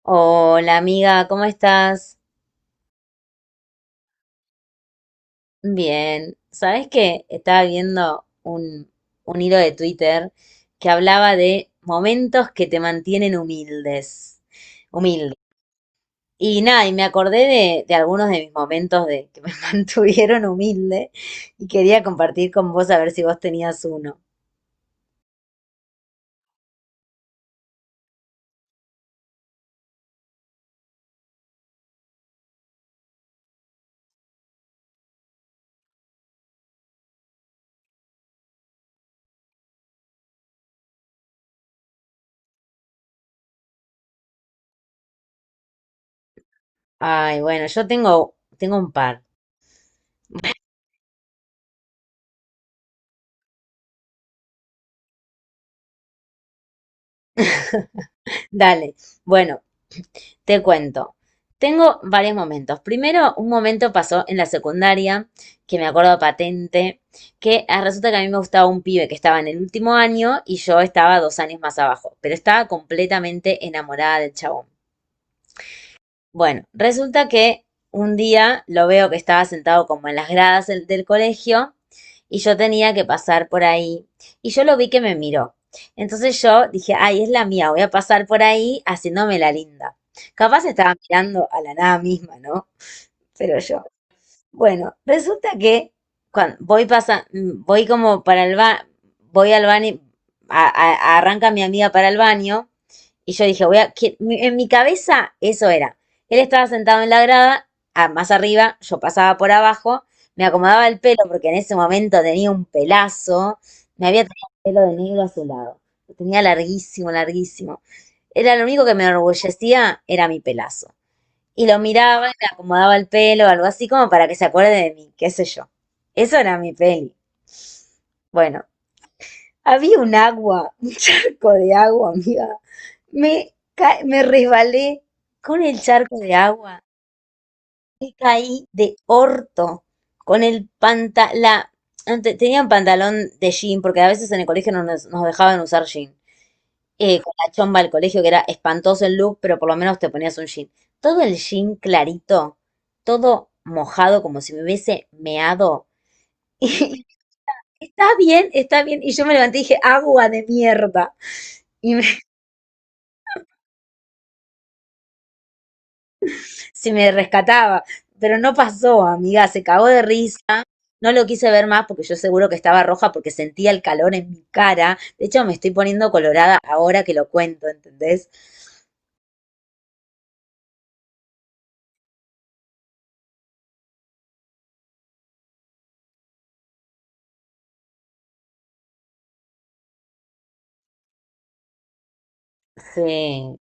Hola amiga, ¿cómo estás? Bien. ¿Sabes qué? Estaba viendo un hilo de Twitter que hablaba de momentos que te mantienen humildes. Humilde. Y nada, y me acordé de algunos de mis momentos de que me mantuvieron humilde y quería compartir con vos a ver si vos tenías uno. Ay, bueno, yo tengo, tengo un par. Dale. Bueno, te cuento. Tengo varios momentos. Primero, un momento pasó en la secundaria, que me acuerdo patente, que resulta que a mí me gustaba un pibe que estaba en el último año y yo estaba dos años más abajo, pero estaba completamente enamorada del chabón. Bueno, resulta que un día lo veo que estaba sentado como en las gradas del colegio y yo tenía que pasar por ahí y yo lo vi que me miró. Entonces yo dije, ay, es la mía, voy a pasar por ahí haciéndome la linda. Capaz estaba mirando a la nada misma, ¿no? Pero yo. Bueno, resulta que cuando voy pasa, voy como para el ba, voy al baño, arranca mi amiga para el baño y yo dije, voy a, que- mi- en mi cabeza eso era. Él estaba sentado en la grada, más arriba, yo pasaba por abajo, me acomodaba el pelo porque en ese momento tenía un pelazo, me había tenido el pelo de negro azulado, lo tenía larguísimo, larguísimo. Era lo único que me enorgullecía, era mi pelazo. Y lo miraba y le acomodaba el pelo, algo así como para que se acuerde de mí, qué sé yo. Eso era mi peli. Bueno, había un agua, un charco de agua, amiga. Me, me resbalé con el charco de agua y caí de orto con el pantalón. Tenía un pantalón de jean, porque a veces en el colegio no nos dejaban usar jean. Con la chomba del colegio, que era espantoso el look, pero por lo menos te ponías un jean. Todo el jean clarito, todo mojado, como si me hubiese meado. Y está bien, está bien. Y yo me levanté y dije, agua de mierda. Y me- se me rescataba. Pero no pasó, amiga, se cagó de risa. No lo quise ver más porque yo seguro que estaba roja porque sentía el calor en mi cara. De hecho, me estoy poniendo colorada ahora que lo cuento, ¿entendés? Sí.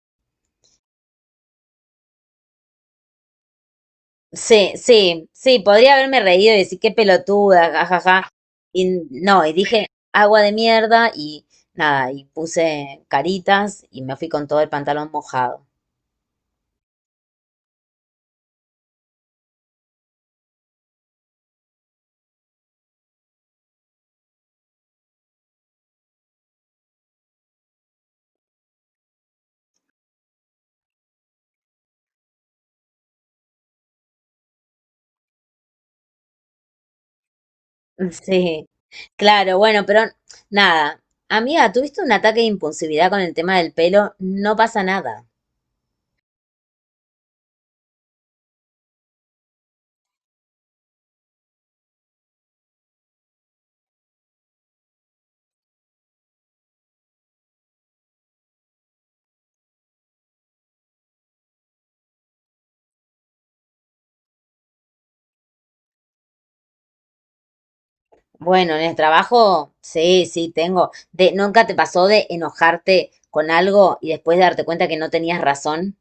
Sí, sí, sí, podría haberme reído y decir qué pelotuda, jajaja. Y no, y dije agua de mierda y nada, y puse caritas y me fui con todo el pantalón mojado. Sí, claro, bueno, pero nada. Amiga, ¿tuviste un ataque de impulsividad con el tema del pelo? No pasa nada. Bueno, en el trabajo, sí, sí, tengo. De, ¿nunca te pasó de enojarte con algo y después darte cuenta que no tenías razón?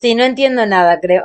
Sí, no entiendo nada, creo.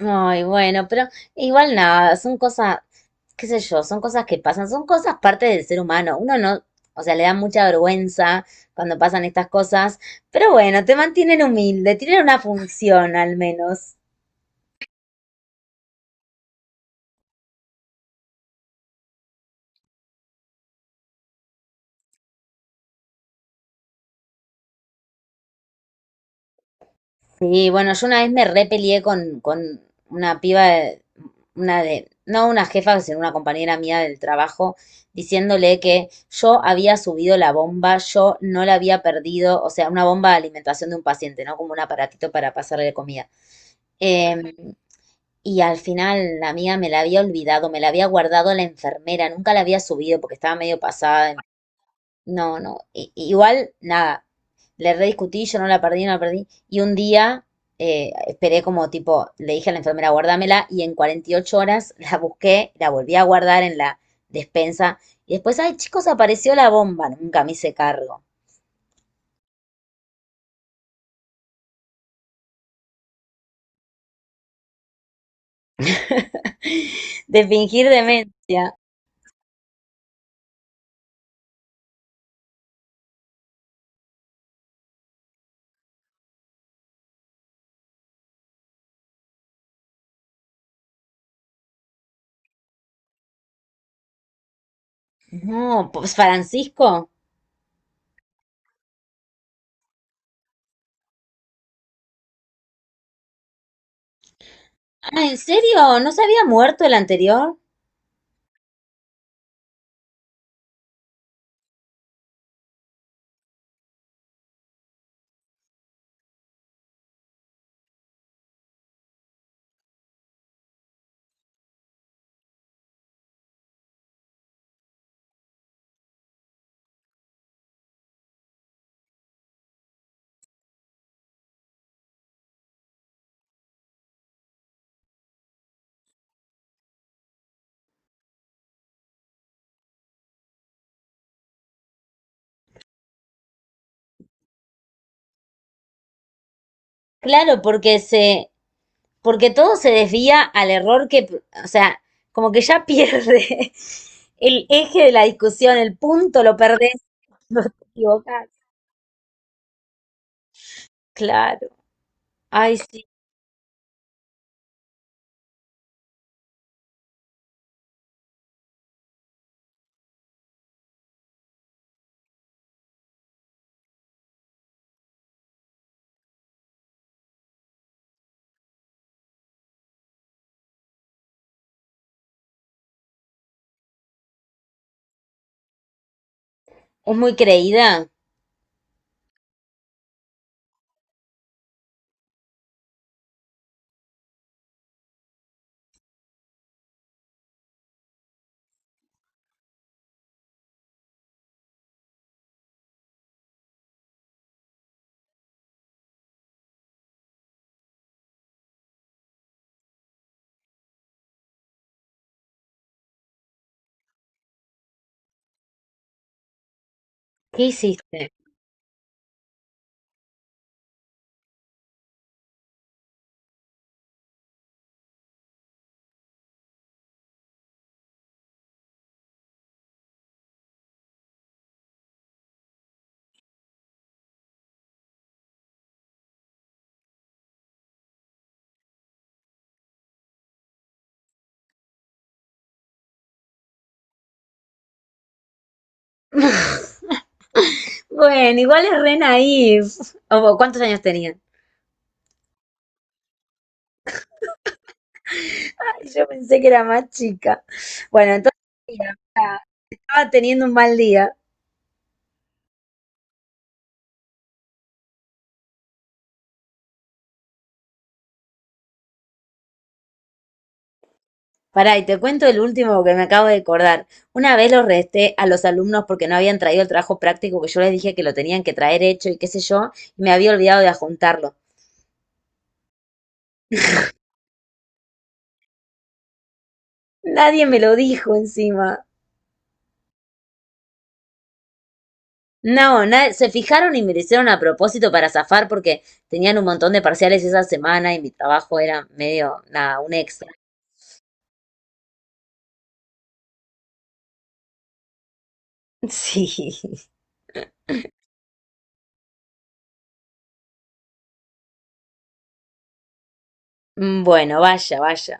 Ay, bueno, pero igual nada, son cosas, qué sé yo, son cosas que pasan, son cosas parte del ser humano. Uno no, o sea, le da mucha vergüenza cuando pasan estas cosas, pero bueno, te mantienen humilde, tienen una función al menos. Sí, bueno, yo una vez me repelié con una piba, de- una de, no una jefa, sino una compañera mía del trabajo, diciéndole que yo había subido la bomba, yo no la había perdido, o sea, una bomba de alimentación de un paciente, ¿no? Como un aparatito para pasarle comida. Eh, y al final la mía me la había olvidado, me la había guardado la enfermera, nunca la había subido porque estaba medio pasada. No, no. I- igual, nada. Le rediscutí, yo no la perdí, no la perdí. Y un día esperé como tipo, le dije a la enfermera, guárdamela, y en 48 horas la busqué, la volví a guardar en la despensa. Y después, ay, chicos, apareció la bomba. Nunca me hice cargo. De fingir demencia. No, pues Francisco. Ah, ¿en serio? ¿No se había muerto el anterior? Claro, porque se, porque todo se desvía al error que, o sea, como que ya pierde el eje de la discusión, el punto lo perdés, no te equivocás. Claro. Ay, sí. Es muy creída. ¿Qué hiciste? Bueno, igual es re naif. O, ¿cuántos años tenía? Ay, yo pensé que era más chica. Bueno, entonces, mira, estaba teniendo un mal día. Pará, y te cuento el último que me acabo de acordar. Una vez los resté a los alumnos porque no habían traído el trabajo práctico que yo les dije que lo tenían que traer hecho y qué sé yo, y me había olvidado de adjuntarlo. Nadie me lo dijo encima. No, na- se fijaron y me lo hicieron a propósito para zafar porque tenían un montón de parciales esa semana y mi trabajo era medio, nada, un extra. Sí. Bueno, vaya, vaya.